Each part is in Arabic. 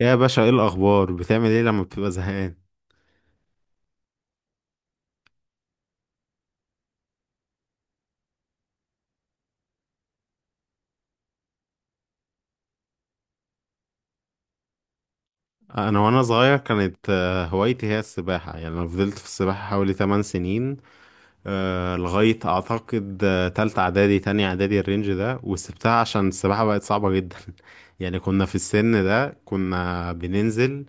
يا باشا، ايه الاخبار؟ بتعمل ايه لما بتبقى زهقان؟ انا وانا صغير كانت هوايتي هي السباحه. يعني انا فضلت في السباحه حوالي 8 سنين. لغاية أعتقد تالتة إعدادي، تانية إعدادي الرينج ده، وسبتها عشان السباحة بقت صعبة جدا. يعني كنا في السن ده كنا بننزل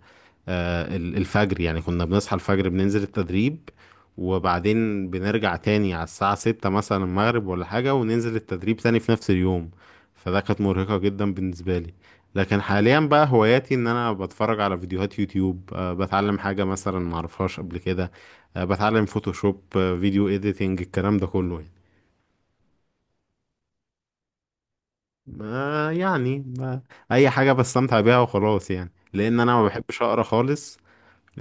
الفجر، يعني كنا بنصحى الفجر بننزل التدريب، وبعدين بنرجع تاني على الساعة 6 مثلا المغرب ولا حاجة، وننزل التدريب تاني في نفس اليوم. فده كانت مرهقة جدا بالنسبة لي. لكن حاليا بقى هواياتي ان انا بتفرج على فيديوهات يوتيوب، بتعلم حاجة مثلا معرفهاش قبل كده، بتعلم فوتوشوب، فيديو اديتنج، الكلام ده كله يعني. ما يعني ما اي حاجة بستمتع بيها وخلاص، يعني لان انا ما بحبش اقرا خالص.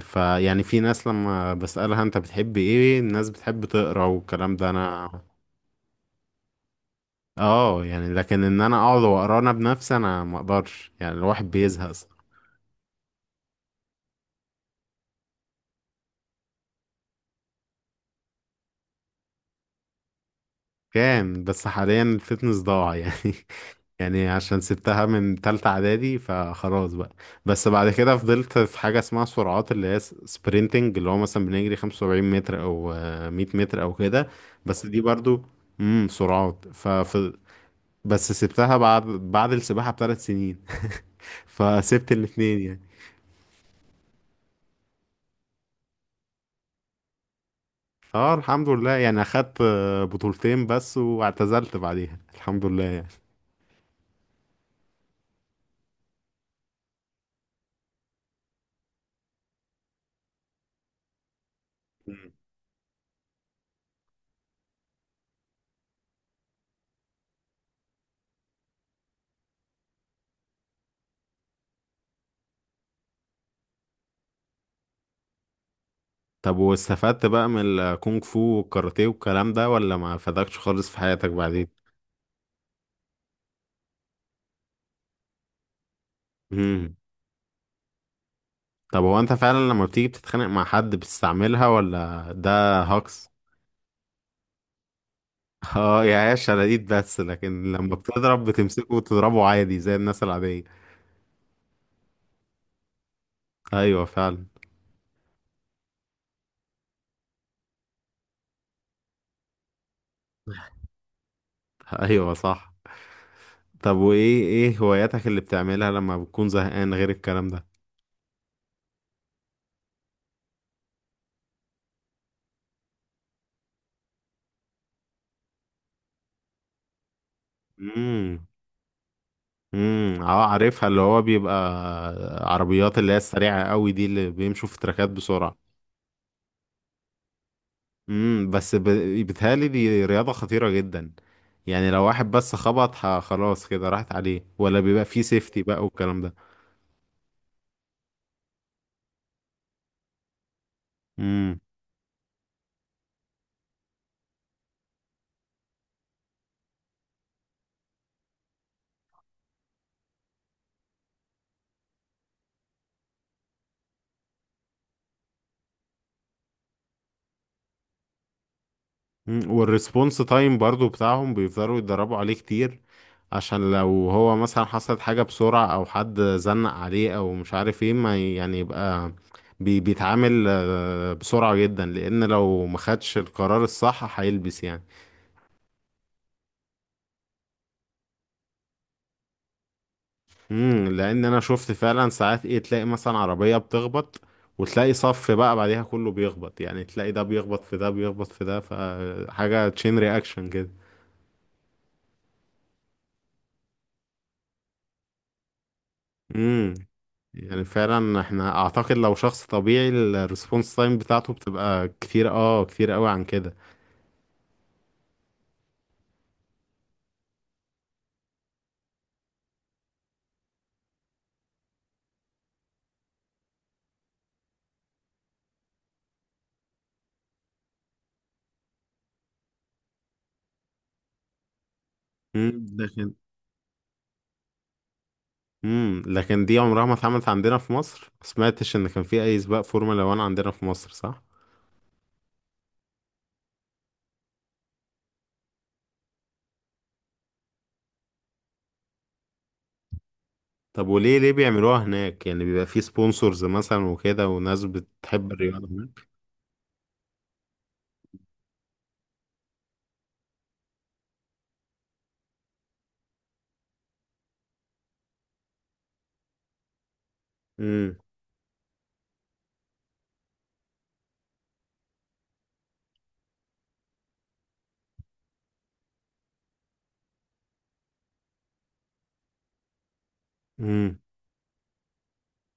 فيعني في ناس لما بسألها انت بتحب ايه، الناس بتحب تقرا والكلام ده، انا اه يعني، لكن ان انا اقعد واقرا انا بنفسي، انا ما اقدرش، يعني الواحد بيزهق. كام بس حاليا الفتنس ضاع يعني. يعني عشان سبتها من تالتة اعدادي، فخلاص بقى. بس بعد كده فضلت في حاجة اسمها سرعات، اللي هي سبرينتنج، اللي هو مثلا بنجري 75 متر او 100 متر او كده. بس دي برضو، سرعات، بس سبتها بعد السباحة بثلاث سنين. فسبت الاتنين يعني. اه الحمد لله، يعني اخدت بطولتين بس، واعتزلت بعديها، الحمد لله يعني. طب واستفدت بقى من الكونغ فو والكاراتيه والكلام ده، ولا ما فادكش خالص في حياتك بعدين؟ امم. طب هو انت فعلا لما بتيجي بتتخانق مع حد بتستعملها، ولا ده هاكس؟ اه، يا هي شلاليت بس، لكن لما بتضرب بتمسكه وتضربه عادي زي الناس العادية. ايوه فعلا. ايوه صح. طب وايه هواياتك اللي بتعملها لما بتكون زهقان غير الكلام ده؟ امم. امم، اه عارفها، اللي هو بيبقى عربيات، اللي هي السريعة قوي دي، اللي بيمشوا في تراكات بسرعة. امم، بيتهيألي دي رياضة خطيرة جدا. يعني لو واحد بس خبط خلاص كده راحت عليه، ولا بيبقى فيه سيفتي بقى والكلام ده؟ امم. والريسبونس تايم برضو بتاعهم بيفضلوا يتدربوا عليه كتير، عشان لو هو مثلا حصلت حاجة بسرعة، او حد زنق عليه او مش عارف ايه، ما ي- يعني يبقى بيتعامل بسرعة جدا، لان لو ما خدش القرار الصح هيلبس يعني. لان انا شفت فعلا ساعات، ايه، تلاقي مثلا عربية بتخبط، وتلاقي صف بقى بعديها كله بيخبط، يعني تلاقي ده بيخبط في ده، بيخبط في ده، فحاجة تشين رياكشن كده. امم يعني فعلا احنا اعتقد لو شخص طبيعي الريسبونس تايم بتاعته بتبقى كتير، اه، كتير قوي عن كده. لكن، لكن دي عمرها ما اتعملت عندنا في مصر، ما سمعتش ان كان في اي سباق فورمولا 1 عندنا في مصر، صح؟ طب وليه بيعملوها هناك؟ يعني بيبقى في سبونسرز مثلا وكده، وناس بتحب الرياضة هناك. امم. امم.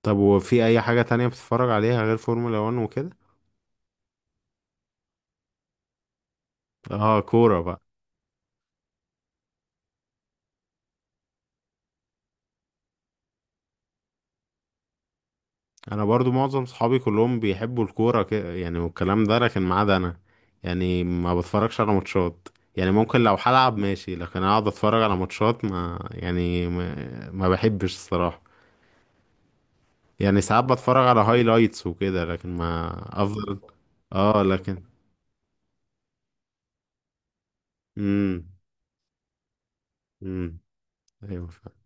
طب وفي اي حاجة تانية بتتفرج عليها غير فورمولا 1 وكده؟ اه، كورة بقى. انا برضو معظم صحابي كلهم بيحبوا الكورة كده يعني والكلام ده، لكن ما عدا انا. يعني ما بتفرجش على ماتشات، يعني ممكن لو هلعب ماشي، لكن اقعد اتفرج على ماتشات، ما يعني ما بحبش الصراحة. يعني ساعات بتفرج على هايلايتس وكده، لكن ما افضل. اه لكن. امم. امم. ايوه فعلا.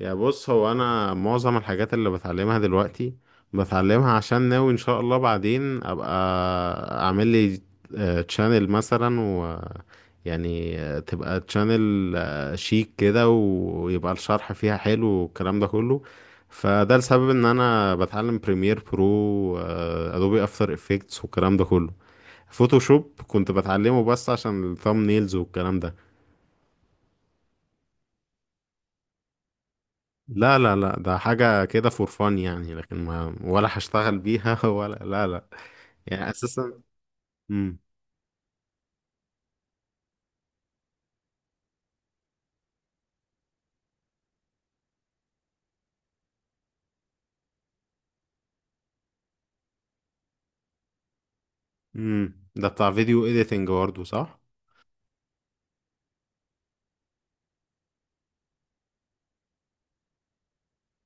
يا بص، هو انا معظم الحاجات اللي بتعلمها دلوقتي بتعلمها عشان ناوي ان شاء الله بعدين ابقى اعمل لي تشانل مثلا، و، يعني تبقى تشانل شيك كده، ويبقى الشرح فيها حلو والكلام ده كله. فده السبب ان انا بتعلم بريمير برو، ادوبي افتر افكتس، والكلام ده كله. فوتوشوب كنت بتعلمه بس عشان الثامب نيلز والكلام ده. لا لا لا، ده حاجة كده فور فان يعني، لكن ما، ولا هشتغل بيها، ولا لا لا، يعني أساسا. مم. مم. ده بتاع فيديو إيديتنج برضه، صح؟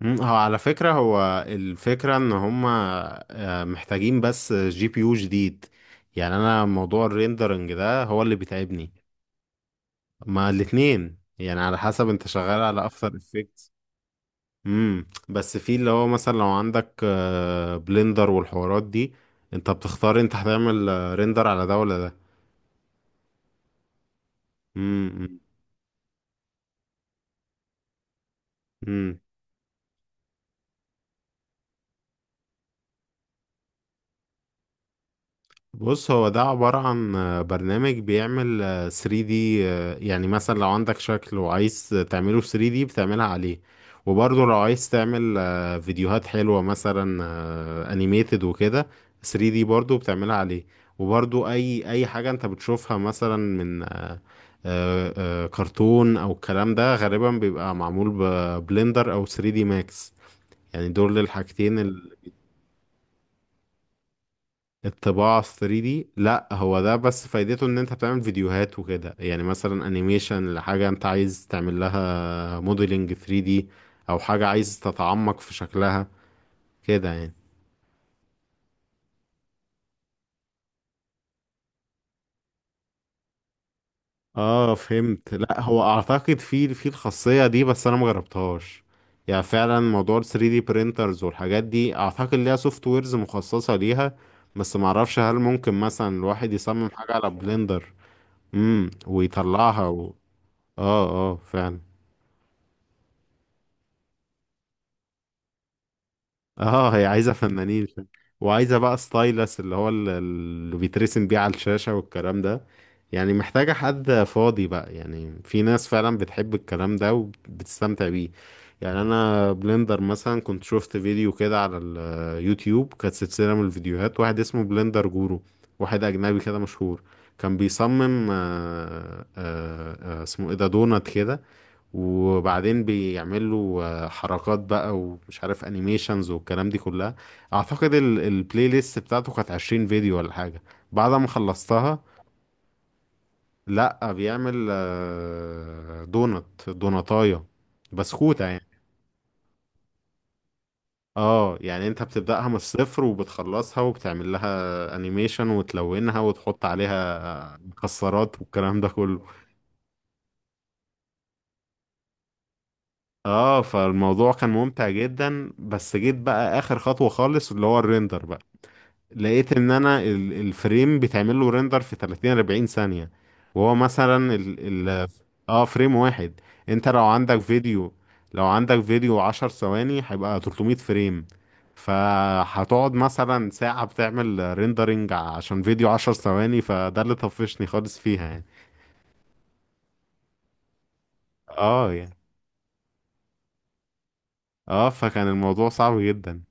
مم. هو على فكرة، هو الفكرة إن هما محتاجين بس جي بي يو جديد. يعني أنا موضوع الريندرنج ده هو اللي بيتعبني. ما الاتنين يعني، على حسب أنت شغال على أفتر. امم، بس في اللي هو مثلا لو عندك بلندر والحوارات دي، انت بتختار انت هتعمل ريندر على ده ولا ده. امم. بص، هو ده عبارة عن برنامج بيعمل 3D. يعني مثلا لو عندك شكل وعايز تعمله 3D بتعملها عليه. وبرضه لو عايز تعمل فيديوهات حلوة مثلا animated وكده، 3D برضه بتعملها عليه. وبرضه أي حاجة أنت بتشوفها مثلا من كرتون أو الكلام ده، غالبا بيبقى معمول ببلندر أو 3D ماكس، يعني دول الحاجتين. الطباعة ال 3D لا، هو ده بس فايدته ان انت بتعمل فيديوهات وكده، يعني مثلا انيميشن لحاجة انت عايز تعمل لها موديلنج 3D، او حاجة عايز تتعمق في شكلها كده يعني. اه فهمت. لا هو اعتقد في الخاصية دي، بس انا مجربتهاش. يعني فعلا موضوع ال 3D printers والحاجات دي اعتقد ليها سوفت ويرز مخصصة ليها. بس معرفش هل ممكن مثلا الواحد يصمم حاجة على بلندر. امم، ويطلعها اه، اه، فعلا. اه هي عايزة فنانين، وعايزة بقى ستايلس، اللي هو اللي بيترسم بيه على الشاشة والكلام ده، يعني محتاجة حد فاضي بقى. يعني في ناس فعلا بتحب الكلام ده وبتستمتع بيه. يعني انا بلندر مثلا كنت شفت فيديو كده على اليوتيوب، كانت سلسلة من الفيديوهات، واحد اسمه بلندر جورو، واحد اجنبي كده مشهور، كان بيصمم اسمه ايه ده، دونات كده. وبعدين بيعملوا حركات بقى ومش عارف انيميشنز والكلام دي كلها. اعتقد البلاي ليست بتاعته كانت 20 فيديو ولا حاجة. بعد ما خلصتها. لا، بيعمل دونت، دونتاية، بسكوتة يعني. اه يعني انت بتبدأها من الصفر وبتخلصها وبتعمل لها انيميشن وتلونها، وتحط عليها مكسرات والكلام ده كله. اه، فالموضوع كان ممتع جدا، بس جيت بقى اخر خطوة خالص اللي هو الريندر، لقيت ان انا الفريم بيتعمل له ريندر في 30، 40 ثانية. وهو مثلا ال اه فريم واحد. انت لو عندك فيديو، لو عندك فيديو 10 ثواني هيبقى 300 فريم. فهتقعد مثلا ساعة بتعمل ريندرنج عشان فيديو 10 ثواني. فده اللي طفشني خالص فيها يعني. اه يعني. اه فكان الموضوع صعب جدا.